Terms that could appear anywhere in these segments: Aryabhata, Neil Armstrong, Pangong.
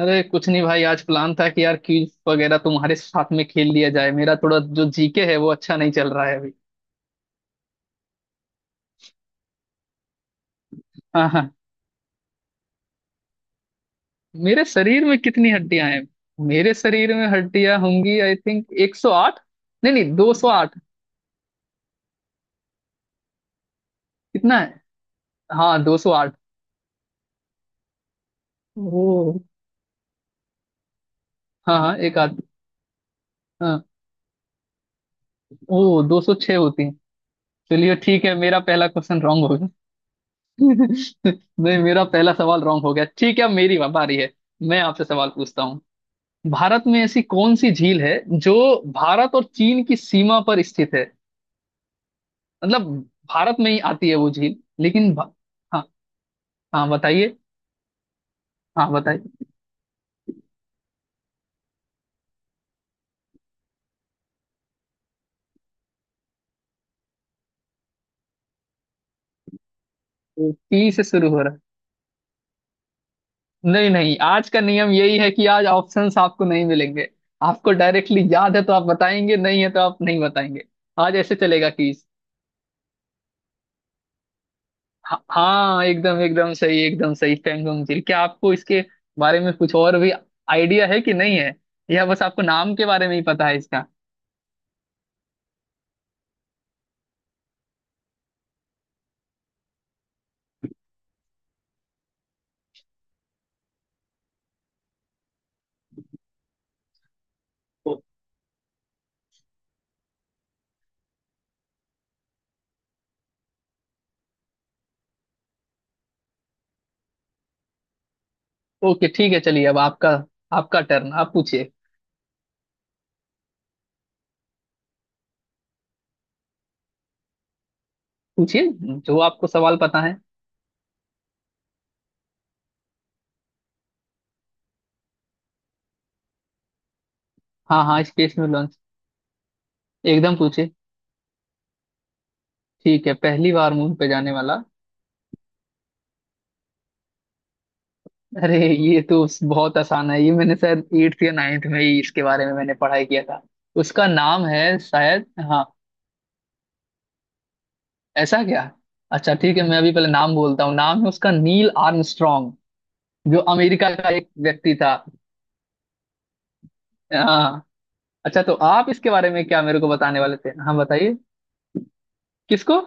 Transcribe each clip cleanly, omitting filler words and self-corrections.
अरे कुछ नहीं भाई। आज प्लान था कि यार क्विज वगैरह तुम्हारे साथ में खेल लिया जाए। मेरा थोड़ा जो जीके है वो अच्छा नहीं चल रहा है अभी। हाँ हाँ। मेरे शरीर में कितनी हड्डियां हैं? मेरे शरीर में हड्डियां होंगी आई थिंक 108। नहीं नहीं, 208। कितना है? हाँ, 208। ओ। हाँ हाँ, एक आध। हाँ। ओ, 206 होती है। चलिए ठीक है, मेरा पहला क्वेश्चन रॉन्ग हो गया। नहीं, मेरा पहला सवाल रॉन्ग हो गया। ठीक है, अब मेरी बारी है। मैं आपसे सवाल पूछता हूँ। भारत में ऐसी कौन सी झील है जो भारत और चीन की सीमा पर स्थित है? मतलब भारत में ही आती है वो झील, लेकिन भा... हाँ। हाँ बताइए। हाँ बताइए। टी से शुरू हो रहा है। नहीं नहीं, आज का नियम यही है कि आज ऑप्शंस आपको नहीं मिलेंगे। आपको डायरेक्टली याद है तो आप बताएंगे, नहीं है तो आप नहीं बताएंगे। आज ऐसे चलेगा कि हाँ हाँ, एकदम एकदम सही, एकदम सही पेंगोंग झील। क्या आपको इसके बारे में कुछ और भी आइडिया है कि नहीं है? यह बस आपको नाम के बारे में ही पता है इसका? ओके ठीक है चलिए। अब आपका आपका टर्न आप पूछिए। पूछिए जो आपको सवाल पता है। हाँ हाँ, स्पेस में लॉन्च। एकदम पूछिए। ठीक है, पहली बार मून पे जाने वाला। अरे, ये तो बहुत आसान है। ये मैंने शायद एट्थ या नाइन्थ में ही इसके बारे में मैंने पढ़ाई किया था। उसका नाम है शायद। हाँ। ऐसा क्या? अच्छा ठीक है, मैं अभी पहले नाम बोलता हूँ। नाम है उसका नील आर्मस्ट्रॉन्ग, जो अमेरिका का एक व्यक्ति था। हाँ। अच्छा तो आप इसके बारे में क्या मेरे को बताने वाले थे? हाँ बताइए। किसको?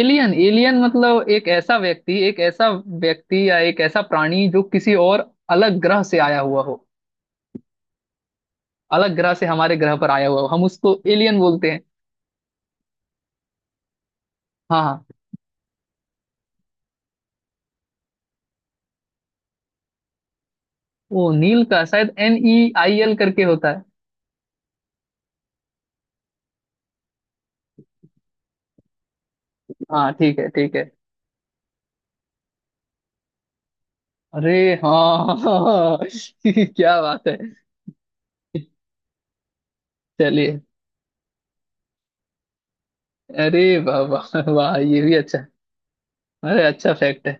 एलियन? एलियन मतलब एक ऐसा व्यक्ति, एक ऐसा व्यक्ति या एक ऐसा प्राणी जो किसी और अलग ग्रह से आया हुआ हो, अलग ग्रह से हमारे ग्रह पर आया हुआ हो, हम उसको एलियन बोलते हैं। हाँ हाँ। वो नील का शायद NEIL करके होता है। हाँ ठीक है ठीक है। अरे, हाँ। क्या बात है। चलिए। अरे वाह वाह वाह, ये भी अच्छा। अरे, अच्छा फैक्ट है।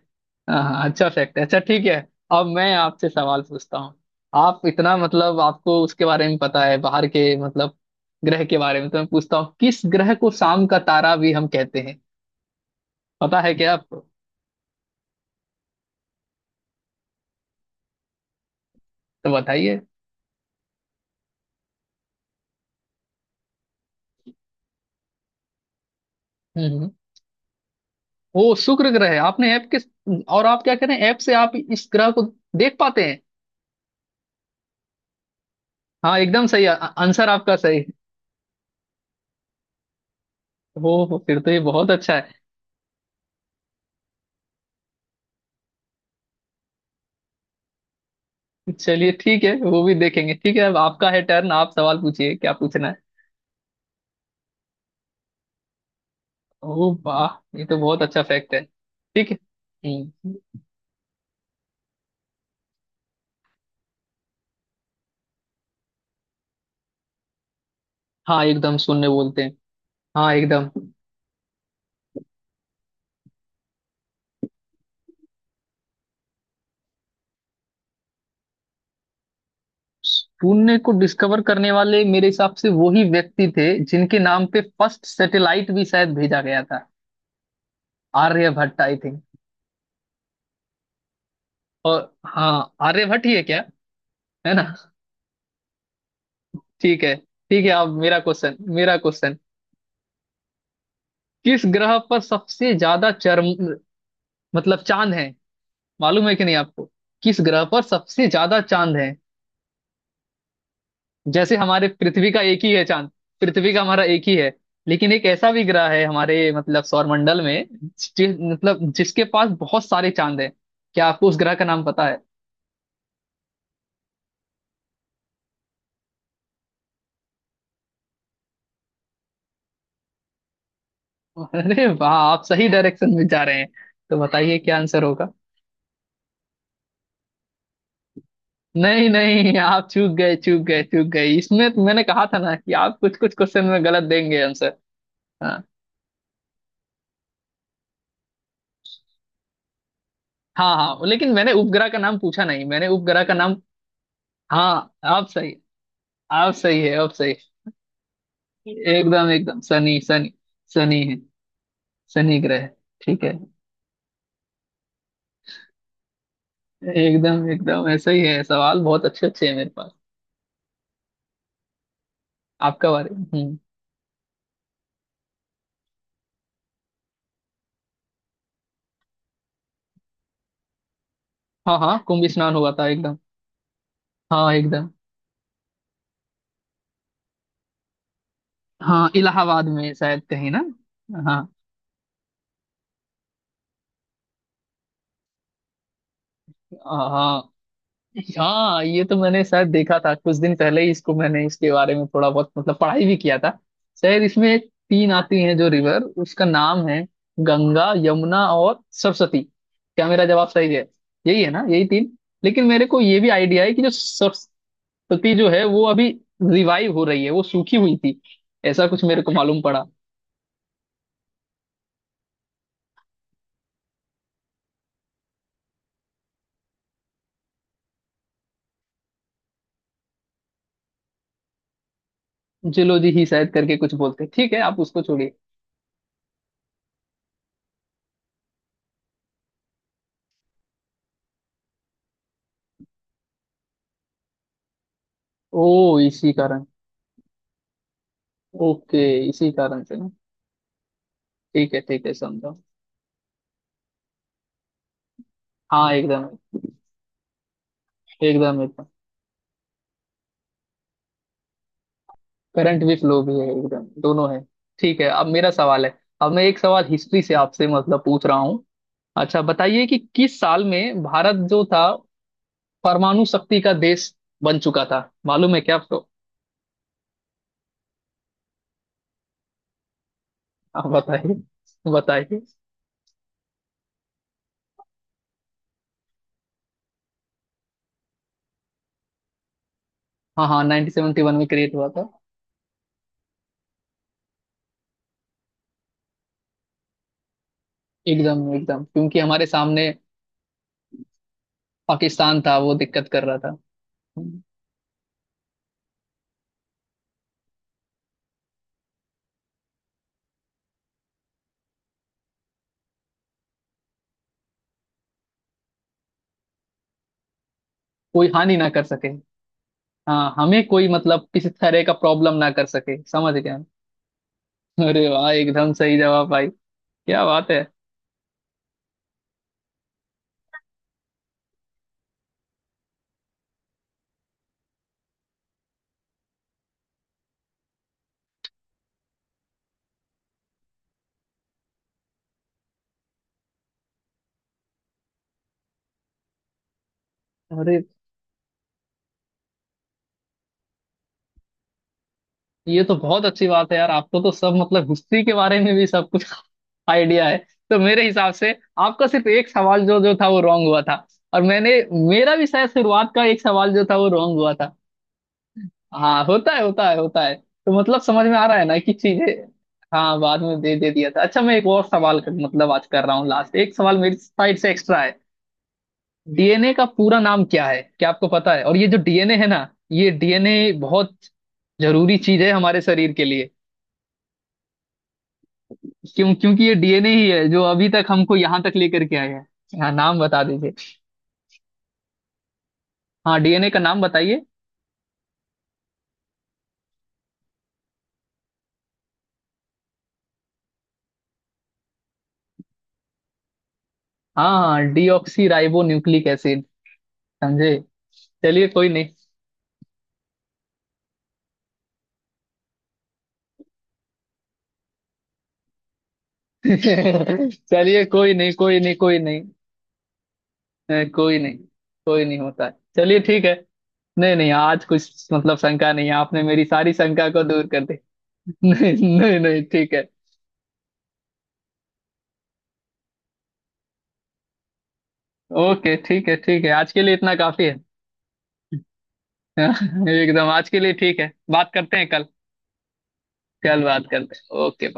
हाँ हाँ, अच्छा फैक्ट है। अच्छा ठीक है, अब मैं आपसे सवाल पूछता हूँ। आप इतना मतलब आपको उसके बारे में पता है बाहर के मतलब ग्रह के बारे में, तो मैं पूछता हूँ किस ग्रह को शाम का तारा भी हम कहते हैं? पता है क्या आपको? तो बताइए। हम्म हम्म। वो शुक्र ग्रह है, आपने ऐप के, और आप क्या करें, ऐप से आप इस ग्रह को देख पाते हैं? हाँ, एकदम सही। आंसर आपका सही है। हो फिर तो ये बहुत अच्छा है। चलिए ठीक है, वो भी देखेंगे। ठीक है, अब आपका है टर्न, आप सवाल पूछिए, क्या पूछना है? ओह वाह, ये तो बहुत अच्छा फैक्ट है। ठीक है। हम्म। हाँ एकदम, शून्य बोलते हैं। हाँ एकदम। शून्य को डिस्कवर करने वाले मेरे हिसाब से वही व्यक्ति थे जिनके नाम पे फर्स्ट सैटेलाइट भी शायद भेजा गया था। Aryabhata I think. और हाँ, आर्यभट्ट ही है क्या? है ना? ठीक है। ठीक है, अब मेरा क्वेश्चन, किस ग्रह पर सबसे ज्यादा चरम मतलब चांद है, मालूम है कि नहीं आपको? किस ग्रह पर सबसे ज्यादा चांद है? जैसे हमारे पृथ्वी का एक ही है चांद, पृथ्वी का हमारा एक ही है, लेकिन एक ऐसा भी ग्रह है हमारे मतलब सौरमंडल में मतलब जिसके पास बहुत सारे चांद हैं। क्या आपको उस ग्रह का नाम पता है? अरे वाह, आप सही डायरेक्शन में जा रहे हैं। तो बताइए क्या आंसर होगा? नहीं नहीं, आप चूक गए चूक गए चूक गए, इसमें तो मैंने कहा था ना कि आप कुछ कुछ क्वेश्चन में गलत देंगे आंसर। हाँ हाँ। हाँ लेकिन मैंने उपग्रह का नाम पूछा नहीं, मैंने उपग्रह का नाम। हाँ आप सही, आप सही है, आप सही। एकदम एकदम शनि, शनि शनि है, शनि ग्रह, ठीक है। एकदम एकदम ऐसा ही है, सवाल बहुत अच्छे अच्छे हैं मेरे पास। आपका बारे में हम्म। हाँ हाँ, कुंभ स्नान हुआ था एकदम। हाँ एकदम। हाँ, इलाहाबाद में शायद कहीं ना। हाँ। हाँ हाँ। हाँ ये तो मैंने शायद देखा था, कुछ दिन पहले ही इसको मैंने इसके बारे में थोड़ा बहुत मतलब पढ़ाई भी किया था। शायद इसमें एक तीन आती हैं जो रिवर, उसका नाम है गंगा, यमुना और सरस्वती। क्या मेरा जवाब सही है? यही है ना, यही तीन? लेकिन मेरे को ये भी आइडिया है कि जो सरस्वती जो है वो अभी रिवाइव हो रही है, वो सूखी हुई थी, ऐसा कुछ मेरे को मालूम पड़ा। जिलोजी ही शायद करके कुछ बोलते हैं। ठीक है आप उसको छोड़िए। ओ, इसी कारण। ओके, इसी कारण से ना? ठीक है ठीक है, समझा। हाँ एकदम, एकदम एकदम। करंट भी, फ्लो भी है, एकदम दोनों है। ठीक है, अब मेरा सवाल है, अब मैं एक सवाल हिस्ट्री से आपसे मतलब पूछ रहा हूँ। अच्छा बताइए कि किस साल में भारत जो था परमाणु शक्ति का देश बन चुका था? मालूम है क्या आपको? आप बताइए, बताइए। हाँ हाँ, नाइनटीन सेवेंटी वन में क्रिएट हुआ था। एकदम एकदम, क्योंकि हमारे सामने पाकिस्तान था, वो दिक्कत कर रहा था। कोई हानि ना कर सके। हाँ, हमें कोई मतलब किसी तरह का प्रॉब्लम ना कर सके, समझ गए। अरे वाह, एकदम सही जवाब भाई। क्या बात है। अरे ये तो बहुत अच्छी बात है यार, आपको तो सब मतलब हिस्ट्री के बारे में भी सब कुछ आइडिया है। तो मेरे हिसाब से आपका सिर्फ एक सवाल जो जो था वो रॉन्ग हुआ था, और मैंने मेरा भी शायद शुरुआत का एक सवाल जो था वो रॉन्ग हुआ था। हाँ होता है होता है होता है, तो मतलब समझ में आ रहा है ना कि चीजें। हाँ, बाद में दे दे दिया था। अच्छा मैं एक और सवाल कर, मतलब आज कर रहा हूँ लास्ट, एक सवाल मेरी साइड से एक्स्ट्रा है। डीएनए का पूरा नाम क्या है, क्या आपको पता है? और ये जो डीएनए है ना, ये डीएनए बहुत जरूरी चीज है हमारे शरीर के लिए, क्यों? क्योंकि ये डीएनए ही है जो अभी तक हमको यहाँ तक लेकर के आया है। हाँ, नाम बता दीजिए। हाँ, डीएनए का नाम बताइए। हाँ, डीऑक्सी राइबो न्यूक्लिक एसिड। समझे? चलिए कोई नहीं। चलिए कोई नहीं कोई नहीं कोई नहीं। कोई नहीं, कोई नहीं होता है, चलिए ठीक है। नहीं नहीं, आज कुछ मतलब शंका नहीं है, आपने मेरी सारी शंका को दूर कर दी। नहीं, नहीं नहीं ठीक है। ओके ठीक है ठीक है, आज के लिए इतना काफी है। एकदम, आज के लिए ठीक है, बात करते हैं कल। कल बात करते हैं, ओके।